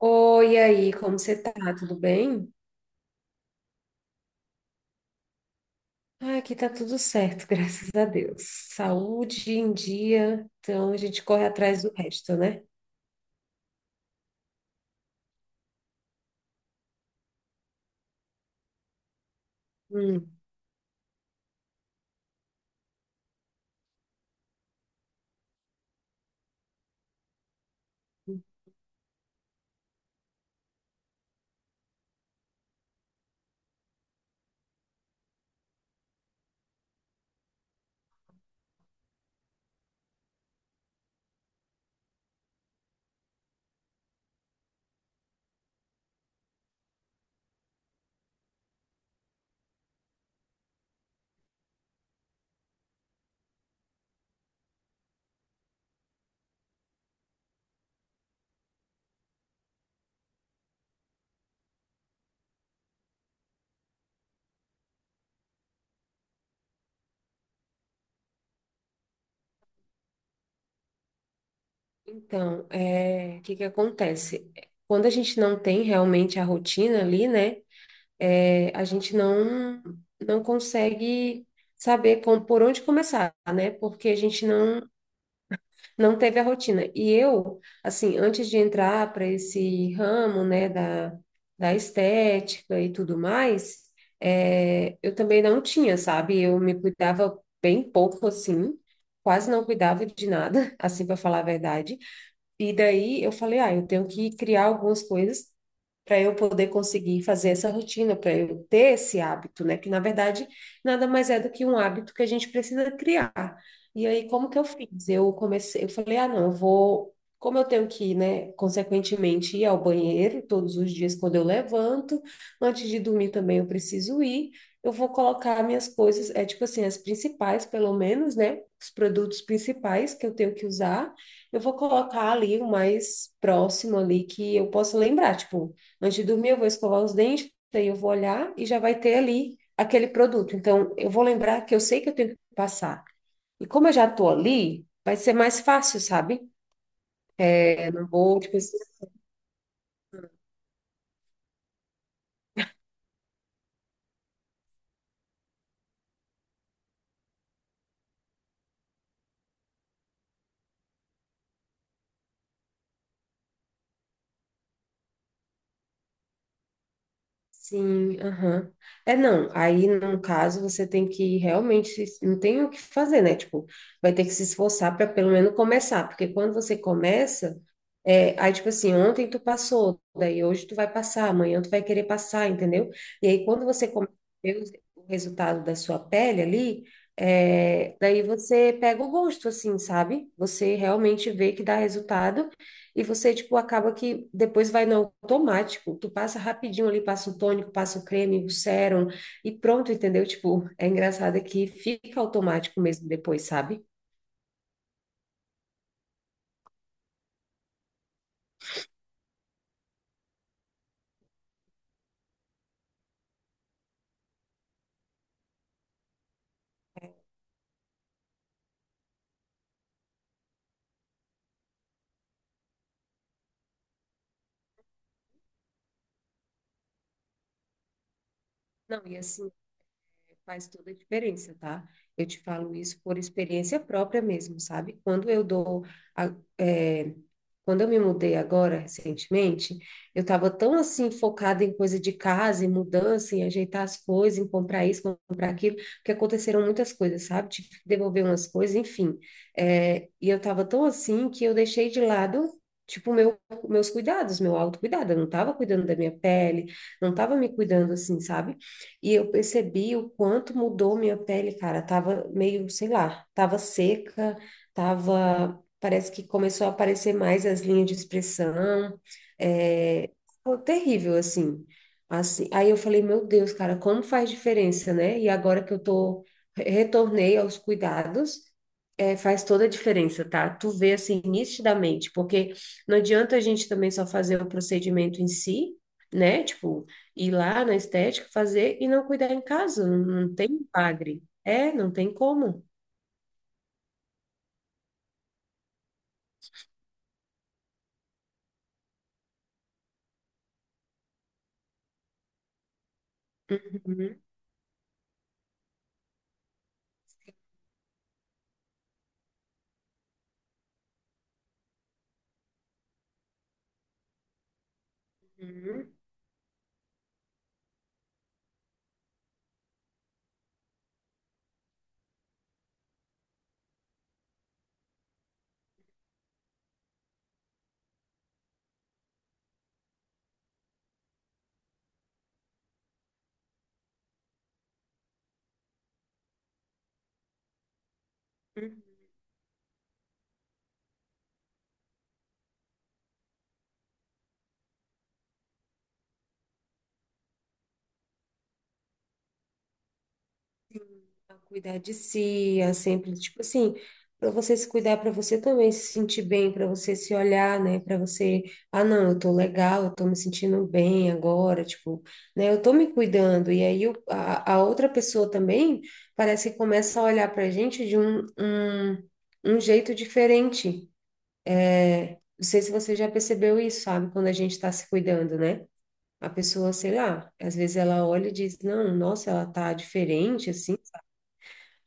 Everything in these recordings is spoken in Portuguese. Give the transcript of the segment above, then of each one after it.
Oi, aí, como você tá? Tudo bem? Ah, aqui tá tudo certo, graças a Deus. Saúde em dia, então a gente corre atrás do resto, né? Hum. Então, é, o que que acontece? Quando a gente não tem realmente a rotina ali, né? É, a gente não consegue saber por onde começar, né? Porque a gente não teve a rotina. E eu, assim, antes de entrar para esse ramo, né, da estética e tudo mais, é, eu também não tinha, sabe? Eu me cuidava bem pouco, assim, quase não cuidava de nada, assim, para falar a verdade. E daí eu falei, ah, eu tenho que criar algumas coisas para eu poder conseguir fazer essa rotina, para eu ter esse hábito, né? Que na verdade nada mais é do que um hábito que a gente precisa criar. E aí, como que eu fiz? Eu comecei, eu falei, ah, não, eu vou. Como eu tenho que, né, consequentemente ir ao banheiro todos os dias quando eu levanto, antes de dormir também eu preciso ir, eu vou colocar minhas coisas, é tipo assim, as principais, pelo menos, né, os produtos principais que eu tenho que usar, eu vou colocar ali o mais próximo ali que eu possa lembrar, tipo, antes de dormir, eu vou escovar os dentes, aí eu vou olhar e já vai ter ali aquele produto. Então, eu vou lembrar que eu sei que eu tenho que passar. E como eu já estou ali, vai ser mais fácil, sabe? Eu não vou, tipo, assim. Sim, aham. É, não, aí no caso você tem que realmente, não tem o que fazer, né? Tipo, vai ter que se esforçar para pelo menos começar, porque quando você começa, é, aí tipo assim, ontem tu passou, daí hoje tu vai passar, amanhã tu vai querer passar, entendeu? E aí quando você começa a ver o resultado da sua pele ali, é, daí você pega o gosto, assim, sabe? Você realmente vê que dá resultado. E você, tipo, acaba que depois vai no automático. Tu passa rapidinho ali, passa o tônico, passa o creme, o sérum e pronto, entendeu? Tipo, é engraçado que fica automático mesmo depois, sabe? Não, e assim, faz toda a diferença, tá? Eu te falo isso por experiência própria mesmo, sabe? Quando eu dou, é, quando eu me mudei agora, recentemente, eu estava tão assim focada em coisa de casa, em mudança, em ajeitar as coisas, em comprar isso, comprar aquilo, que aconteceram muitas coisas, sabe? Tive que devolver umas coisas, enfim. É, e eu estava tão assim que eu deixei de lado, tipo, meus cuidados, meu autocuidado. Eu não estava cuidando da minha pele, não estava me cuidando assim, sabe? E eu percebi o quanto mudou minha pele, cara. Tava meio, sei lá, tava seca, tava. Parece que começou a aparecer mais as linhas de expressão. É, foi terrível, assim. Assim, aí eu falei, meu Deus, cara, como faz diferença, né? E agora que eu tô, retornei aos cuidados, é, faz toda a diferença, tá? Tu vê assim nitidamente, porque não adianta a gente também só fazer o procedimento em si, né? Tipo, ir lá na estética fazer e não cuidar em casa. Não, não tem milagre. É, não tem como. Uhum, uhum, uhum. A cuidar de si, a sempre, tipo assim, para você se cuidar, para você também se sentir bem, para você se olhar, né? Para você, ah, não, eu tô legal, eu tô me sentindo bem agora, tipo, né? Eu tô me cuidando. E aí a outra pessoa também parece que começa a olhar pra gente de um, um jeito diferente. É, não sei se você já percebeu isso, sabe? Quando a gente está se cuidando, né? A pessoa, sei lá, às vezes ela olha e diz, não, nossa, ela tá diferente, assim,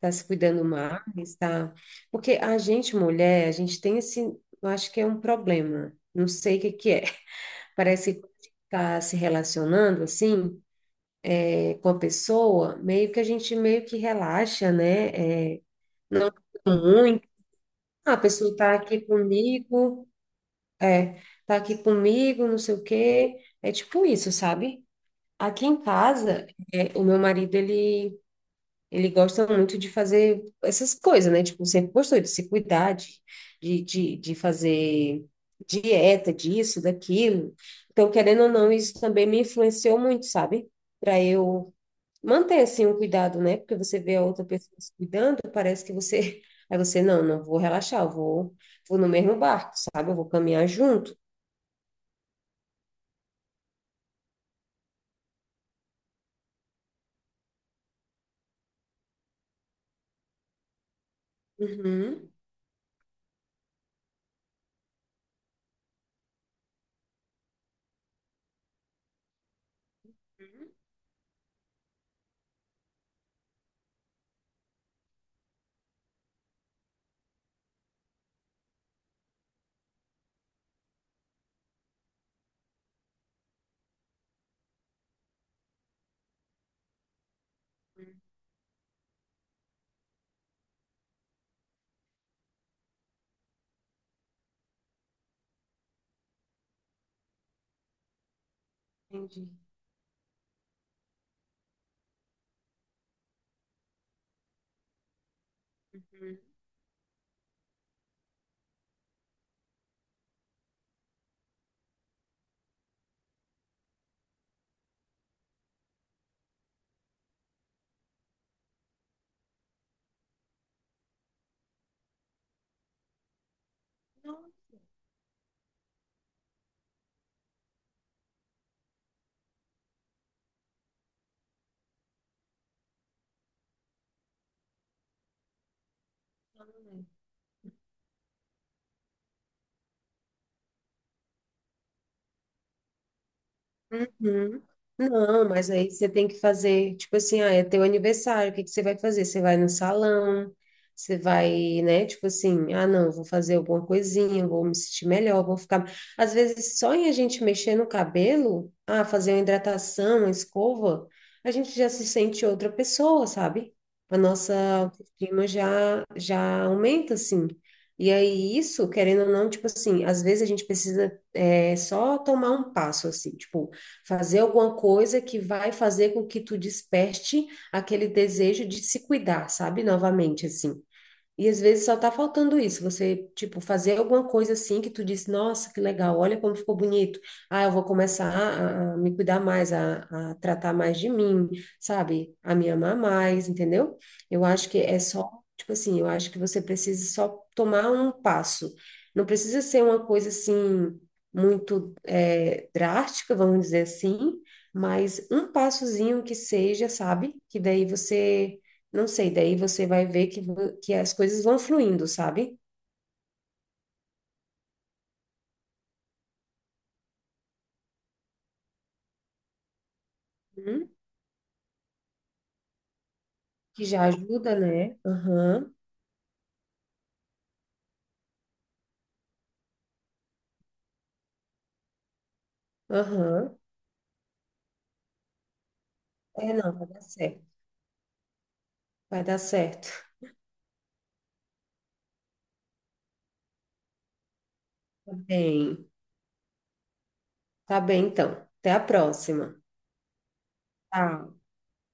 tá se cuidando mais, tá... Porque a gente, mulher, a gente tem esse, eu acho que é um problema, não sei o que que é. Parece que tá se relacionando, assim, é, com a pessoa, meio que a gente meio que relaxa, né? É, não é muito, ah, a pessoa tá aqui comigo... É, tá aqui comigo, não sei o quê. É tipo isso, sabe? Aqui em casa, é, o meu marido, ele gosta muito de fazer essas coisas, né? Tipo, sempre gostou de se cuidar, de fazer dieta, disso, daquilo. Então, querendo ou não, isso também me influenciou muito, sabe? Para eu manter, assim, o cuidado, né? Porque você vê a outra pessoa se cuidando, parece que você... Aí você, não, não vou relaxar, eu vou, vou no mesmo barco, sabe? Eu vou caminhar junto. Uhum. Entendi. Não. Uhum. Não, mas aí você tem que fazer, tipo assim, ah, é teu aniversário, o que que você vai fazer? Você vai no salão, você vai, né, tipo assim, ah, não, vou fazer alguma coisinha, vou me sentir melhor, vou ficar. Às vezes, só em a gente mexer no cabelo, ah, fazer uma hidratação, uma escova, a gente já se sente outra pessoa, sabe? A nossa autoestima já aumenta, assim. E aí, isso, querendo ou não, tipo assim, às vezes a gente precisa é só tomar um passo, assim, tipo, fazer alguma coisa que vai fazer com que tu desperte aquele desejo de se cuidar, sabe? Novamente, assim. E às vezes só tá faltando isso, você, tipo, fazer alguma coisa assim que tu disse, nossa, que legal, olha como ficou bonito. Ah, eu vou começar a me cuidar mais, a tratar mais de mim, sabe? A me amar mais, entendeu? Eu acho que é só, tipo assim, eu acho que você precisa só tomar um passo. Não precisa ser uma coisa assim, muito é, drástica, vamos dizer assim, mas um passozinho que seja, sabe? Que daí você não sei, daí você vai ver que, que as coisas vão fluindo, sabe? Uhum. Que já ajuda, né? Aham, aham. É, não, vai dar certo. Vai dar certo. Tá bem, tá bem então. Até a próxima. Tchau.